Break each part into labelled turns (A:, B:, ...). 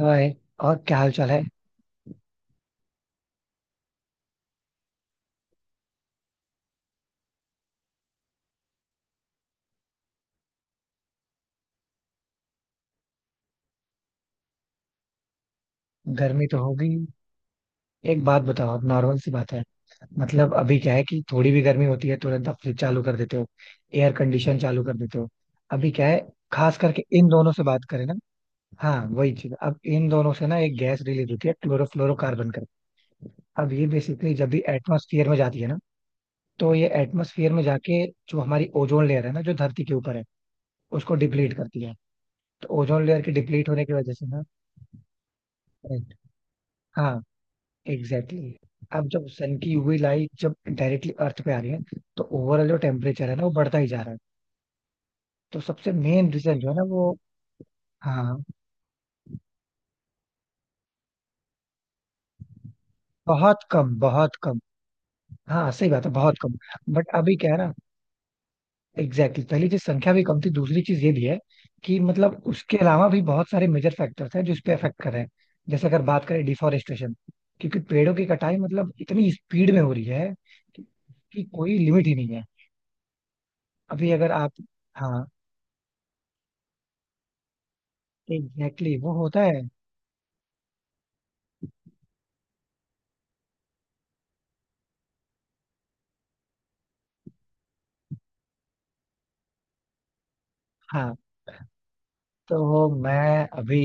A: हाय। और क्या हाल चाल है? गर्मी तो होगी। एक बात बताओ, नॉर्मल सी बात है। मतलब अभी क्या है कि थोड़ी भी गर्मी होती है तुरंत आप फ्रिज चालू कर देते हो, एयर कंडीशन चालू कर देते हो। अभी क्या है, खास करके इन दोनों से बात करें ना। हाँ, वही चीज। अब इन दोनों से ना एक गैस रिलीज होती है क्लोरोफ्लोरोकार्बन करके। अब ये बेसिकली जब भी एटमोसफियर में जाती है ना, तो ये एटमोसफियर में जाके जो हमारी ओजोन लेयर है ना, जो धरती के ऊपर है, उसको डिप्लीट करती है। तो ओजोन लेयर के डिप्लीट होने की वजह से ना, हाँ एग्जैक्टली exactly. अब जब सन की यूवी लाइट जब डायरेक्टली अर्थ पे आ रही है, तो ओवरऑल जो टेम्परेचर है ना, वो बढ़ता ही जा रहा है। तो सबसे मेन रीजन जो है ना, वो। हाँ। बहुत कम बहुत कम। हाँ सही बात है, बहुत कम। बट अभी क्या है ना, एग्जैक्टली exactly. पहली चीज, संख्या भी कम थी, दूसरी चीज ये भी है कि मतलब उसके अलावा भी बहुत सारे मेजर फैक्टर्स हैं जो इस पे अफेक्ट कर रहे हैं। जैसे अगर बात करें डिफॉरेस्टेशन, क्योंकि पेड़ों की कटाई मतलब इतनी स्पीड में हो रही है कि, कि कोई लिमिट ही नहीं है। अभी अगर आप, हाँ एग्जैक्टली exactly, वो होता है। हाँ तो मैं अभी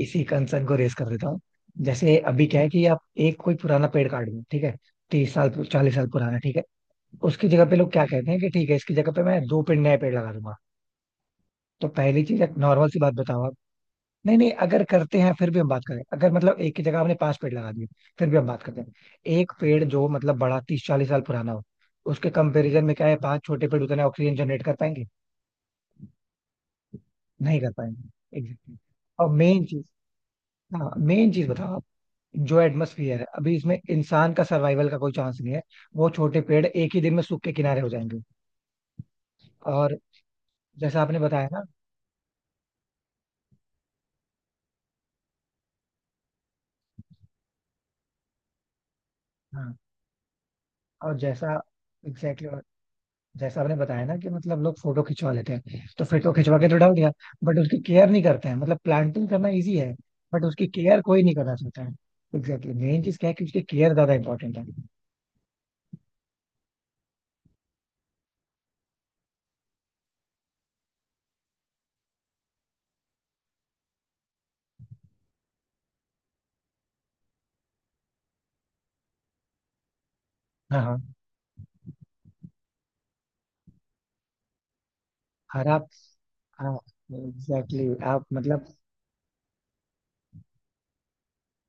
A: इसी कंसर्न को रेस कर देता हूँ। जैसे अभी क्या है कि आप एक कोई पुराना पेड़ काट दो, ठीक है, 30 साल 40 साल पुराना, ठीक है। उसकी जगह पे लोग क्या कहते हैं कि ठीक है, इसकी जगह पे मैं दो पेड़ नए पेड़ लगा दूंगा। तो पहली चीज, एक नॉर्मल सी बात बताओ आप। नहीं नहीं, अगर करते हैं फिर भी हम बात करें, अगर मतलब एक की जगह आपने पांच पेड़ लगा दिए, फिर भी हम बात करते हैं। एक पेड़ जो मतलब बड़ा 30-40 साल पुराना हो, उसके कंपेरिजन में क्या है, पांच छोटे पेड़ उतना ऑक्सीजन जनरेट कर पाएंगे? नहीं कर पाएंगे, एग्जैक्टली। और मेन चीज, हाँ मेन चीज बताओ आप। जो एटमोसफियर है अभी, इसमें इंसान का सर्वाइवल का कोई चांस नहीं है। वो छोटे पेड़ एक ही दिन में सूख के किनारे हो जाएंगे। और जैसा आपने बताया ना, हाँ, और जैसा एग्जैक्टली exactly, और जैसा आपने बताया ना कि मतलब लोग फोटो खिंचवा लेते हैं, तो फोटो खिंचवा के तो डाल दिया, बट उसकी केयर नहीं करते हैं। मतलब प्लांटिंग करना इजी है, बट उसकी केयर कोई नहीं करना चाहता है। एग्जैक्टली मेन चीज क्या है कि उसकी केयर ज्यादा इंपॉर्टेंट है। हाँ हाँ, हर आप, हाँ, एग्जैक्टली exactly, आप मतलब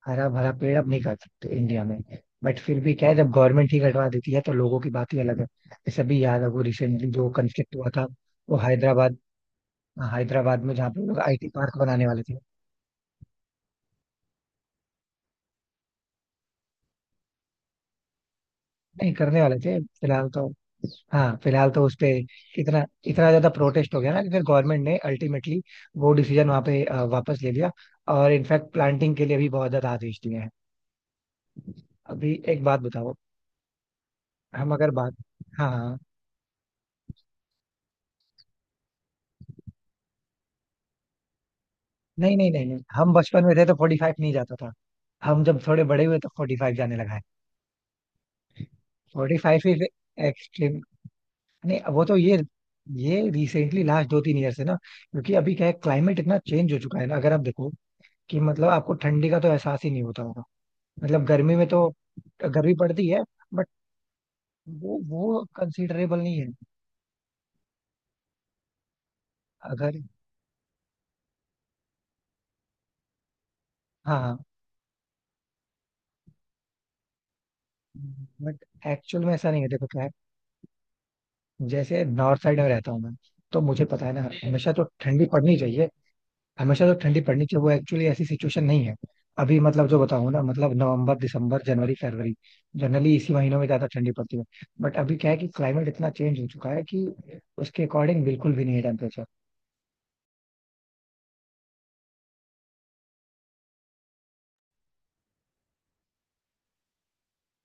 A: हरा भरा पेड़ अब नहीं काट सकते इंडिया में। बट फिर भी क्या है, जब गवर्नमेंट ही कटवा देती है तो लोगों की बात ही अलग है। जैसे अभी याद है वो रिसेंटली जो कंस्ट्रक्ट हुआ था, वो हैदराबाद, हैदराबाद में जहाँ पे लोग आईटी पार्क बनाने वाले थे, नहीं करने वाले थे फिलहाल तो। हाँ फिलहाल तो उस पे इतना इतना ज्यादा प्रोटेस्ट हो गया ना कि फिर गवर्नमेंट ने अल्टीमेटली वो डिसीजन वहाँ पे वापस ले लिया। और इनफैक्ट प्लांटिंग के लिए भी बहुत ज्यादा आदेश दिए हैं। अभी एक बात बताओ, हम अगर बात, हाँ हाँ, नहीं नहीं नहीं नहीं, हम बचपन में थे तो 45 नहीं जाता था। हम जब थोड़े बड़े हुए तो 45 जाने लगा है। फोर्टी फाइव ही एक्सट्रीम, नहीं वो तो ये रिसेंटली लास्ट 2-3 ईयर से ना। क्योंकि अभी क्या है, क्लाइमेट इतना चेंज हो चुका है ना, अगर आप देखो कि मतलब आपको ठंडी का तो एहसास ही नहीं होता होगा। मतलब गर्मी में तो गर्मी पड़ती है, बट वो कंसिडरेबल नहीं है। अगर, हाँ हाँ, बट एक्चुअल में ऐसा नहीं है, देखो क्या है। जैसे नॉर्थ साइड में रहता हूँ मैं, तो मुझे पता है ना हमेशा तो ठंडी पड़नी चाहिए। हमेशा तो ठंडी पड़नी चाहिए, वो एक्चुअली ऐसी सिचुएशन नहीं है। अभी मतलब जो बताऊं ना, मतलब नवंबर दिसंबर जनवरी फरवरी, जनरली इसी महीनों में ज्यादा ठंडी पड़ती है। बट अभी क्या है कि क्लाइमेट इतना चेंज हो चुका है कि उसके अकॉर्डिंग बिल्कुल भी नहीं है टेम्परेचर।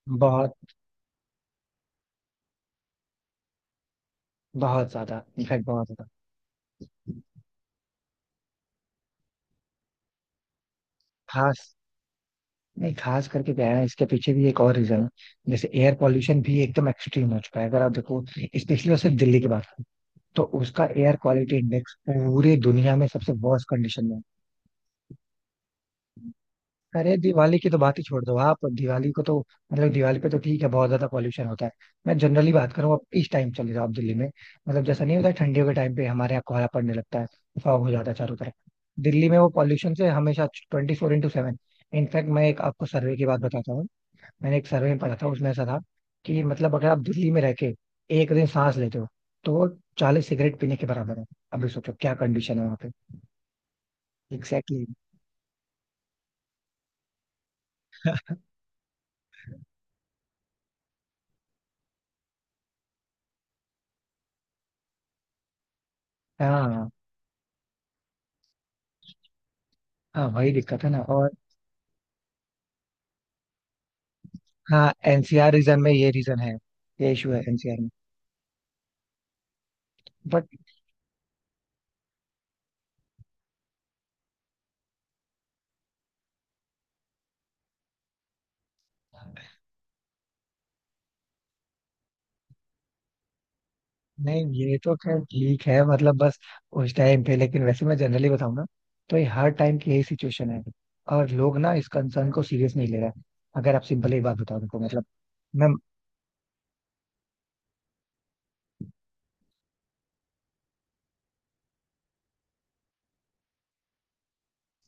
A: बहुत, बहुत ज्यादा इनफैक्ट, बहुत ज्यादा। खास, नहीं खास करके क्या है ना, इसके पीछे भी एक और रीजन है। जैसे एयर पॉल्यूशन भी एकदम एक्सट्रीम हो चुका है अगर आप देखो, स्पेशली सिर्फ दिल्ली की बात करें तो उसका एयर क्वालिटी इंडेक्स पूरे दुनिया में सबसे वर्स्ट कंडीशन में है। अरे दिवाली की तो बात ही छोड़ दो आप, दिवाली को तो मतलब दिवाली पे तो ठीक है, बहुत ज्यादा पॉल्यूशन होता है। मैं जनरली बात करूँ, आप इस टाइम चले जाओ आप दिल्ली में, मतलब जैसा नहीं होता है, ठंडियों के टाइम पे हमारे यहाँ कोहरा पड़ने लगता है, फॉग हो जाता है चारों तरफ। दिल्ली में वो पॉल्यूशन से हमेशा 24/7। इनफैक्ट मैं एक आपको सर्वे की बात बताता हूँ। मैंने एक सर्वे में पढ़ा था, उसमें ऐसा था कि मतलब अगर आप दिल्ली में रह के एक दिन सांस लेते हो तो वो 40 सिगरेट पीने के बराबर है। अभी सोचो क्या कंडीशन है वहाँ पे। Exactly exactly. हाँ हाँ, वही दिक्कत है ना, और हाँ एनसीआर रीजन में ये रीजन है, ये इशू है एनसीआर में। बट नहीं ये तो खैर ठीक है, मतलब बस उस टाइम पे, लेकिन वैसे मैं जनरली बताऊँ ना तो ये हर टाइम की यही सिचुएशन है। और लोग ना इस कंसर्न को सीरियस नहीं ले रहे हैं। अगर आप सिंपल एक बात बताओ उनको मतलब, मैं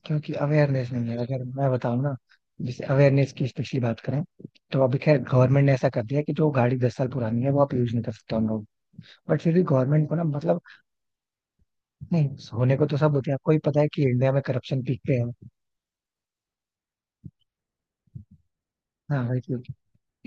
A: क्योंकि अवेयरनेस नहीं है, अगर मैं बताऊँ ना, जैसे अवेयरनेस की स्पेशली बात करें, तो अभी खैर गवर्नमेंट ने ऐसा कर दिया कि जो गाड़ी 10 साल पुरानी है वो आप यूज नहीं कर सकते हम लोग। बट फिर भी गवर्नमेंट को ना, मतलब नहीं, होने को तो सब होते हैं, आपको ही पता है कि इंडिया में करप्शन पीक पे है। हाँ,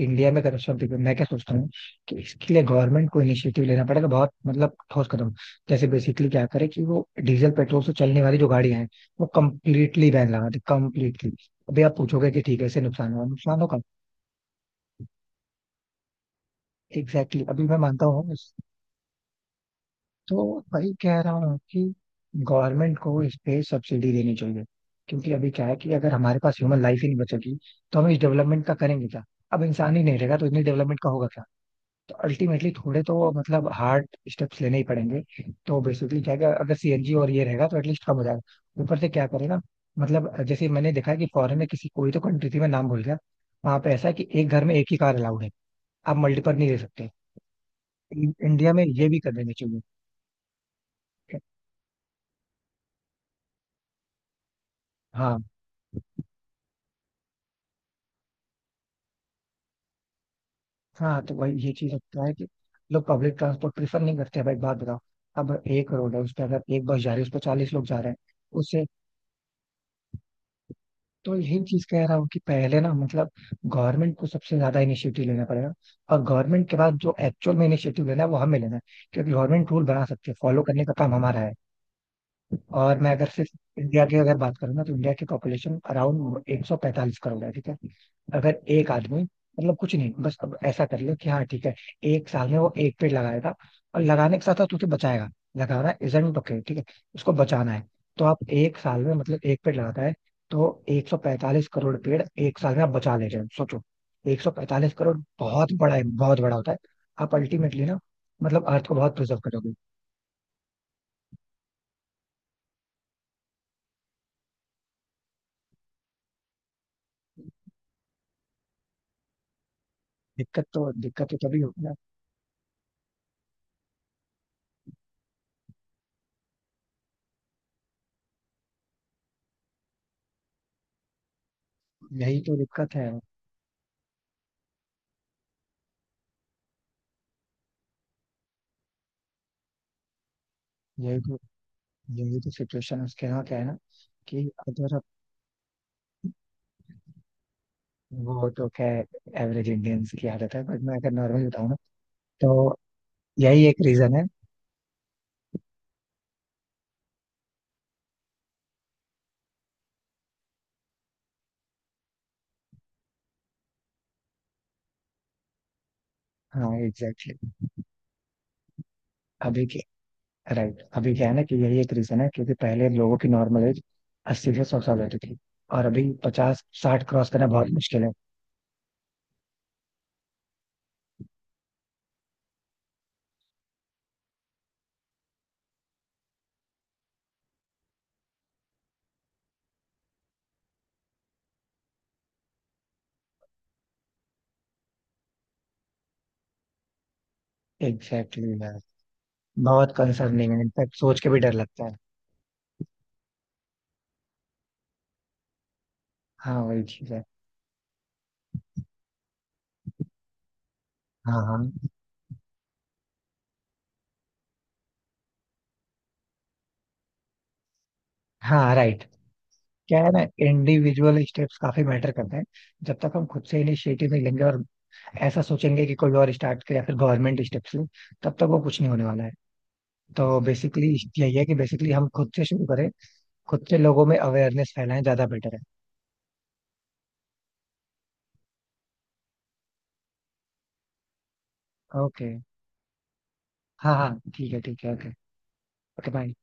A: इंडिया में करप्शन पे मैं क्या सोचता हूँ, कि इसके लिए गवर्नमेंट को इनिशिएटिव लेना पड़ेगा, बहुत मतलब ठोस कदम। जैसे बेसिकली क्या करे कि वो डीजल पेट्रोल से चलने वाली जो गाड़ियां हैं वो कंप्लीटली बैन लगा दे, कंप्लीटली। अभी आप पूछोगे कि ठीक है इससे नुकसान होगा, नुकसान होगा। एग्जैक्टली exactly, अभी मैं मानता हूँ तो वही कह रहा हूँ कि गवर्नमेंट को इस पे सब्सिडी देनी चाहिए। क्योंकि अभी क्या है कि अगर हमारे पास ह्यूमन लाइफ ही नहीं बचेगी तो हम इस डेवलपमेंट का करेंगे क्या। अब इंसान ही नहीं रहेगा तो इतनी डेवलपमेंट का होगा क्या। तो अल्टीमेटली थोड़े तो मतलब हार्ड स्टेप्स लेने ही पड़ेंगे। तो बेसिकली क्या है कि अगर सीएनजी और ये रहेगा तो एटलीस्ट कम हो जाएगा, ऊपर से क्या करेगा। मतलब जैसे मैंने देखा है कि फॉरेन में किसी कोई तो कंट्री थी, मैं नाम भूल गया। वहां पे ऐसा है कि एक घर में एक ही कार अलाउड है, आप मल्टीपल नहीं ले सकते। इंडिया में ये भी कर देना चाहिए। हाँ हाँ, तो वही ये चीज लगता है कि लोग पब्लिक ट्रांसपोर्ट प्रीफर नहीं करते हैं। भाई, बात बताओ, अब एक रोड है उस पर अगर एक बस जा रही है उस पर 40 लोग जा रहे हैं उससे। तो यही चीज कह रहा हूँ कि पहले ना, मतलब गवर्नमेंट को सबसे ज्यादा इनिशिएटिव लेना पड़ेगा। और गवर्नमेंट के बाद जो एक्चुअल में इनिशिएटिव लेना है वो हमें लेना है, क्योंकि गवर्नमेंट रूल बना सकती है, फॉलो करने का काम हमारा है। और मैं अगर सिर्फ इंडिया की अगर बात करूँ ना, तो इंडिया की पॉपुलेशन अराउंड 145 करोड़ है, ठीक है। अगर एक आदमी मतलब कुछ नहीं, बस अब ऐसा कर ले कि हाँ ठीक है, एक साल में वो एक पेड़ लगाएगा, और लगाने के साथ साथ उसे बचाएगा। लगाना इजंट ओके, ठीक है, उसको बचाना है। तो आप एक साल में, मतलब एक पेड़ लगाता है, तो 145 करोड़ पेड़ एक साल में आप बचा ले रहे हो, सोचो, 145 करोड़ बहुत बड़ा है, बहुत बड़ा होता है। आप अल्टीमेटली ना, मतलब अर्थ को बहुत प्रिजर्व करोगे। दिक्कत तो तभी होगी ना। यही तो दिक्कत है, यही तो यही तो सिचुएशन उसके यहाँ क्या है ना, कि अगर आप, वो तो क्या, एवरेज इंडियंस की आदत है, बट मैं अगर नॉर्मल बताऊँ ना तो यही एक रीजन है। हाँ एग्जैक्टली exactly. अभी के राइट, अभी क्या है ना, कि यही एक रीजन है, क्योंकि पहले लोगों की नॉर्मल एज 80 से 100 साल होती थी, और अभी 50-60 क्रॉस करना बहुत मुश्किल है। एग्जैक्टली exactly, यार। बहुत कंसर्निंग है, इनफैक्ट सोच के भी डर लगता है। हाँ वही चीज है। हाँ हाँ, हाँ राइट, क्या है ना, इंडिविजुअल स्टेप्स काफी मैटर करते हैं। जब तक हम खुद से इनिशिएटिव नहीं लेंगे और ऐसा सोचेंगे कि कोई और स्टार्ट करे या फिर गवर्नमेंट स्टेप्स ले, तब तक वो कुछ नहीं होने वाला है। तो बेसिकली, यही है कि बेसिकली हम खुद से शुरू करें, खुद से लोगों में अवेयरनेस फैलाएं, ज्यादा बेटर है। ओके। हाँ हाँ ठीक है ओके। Okay bye.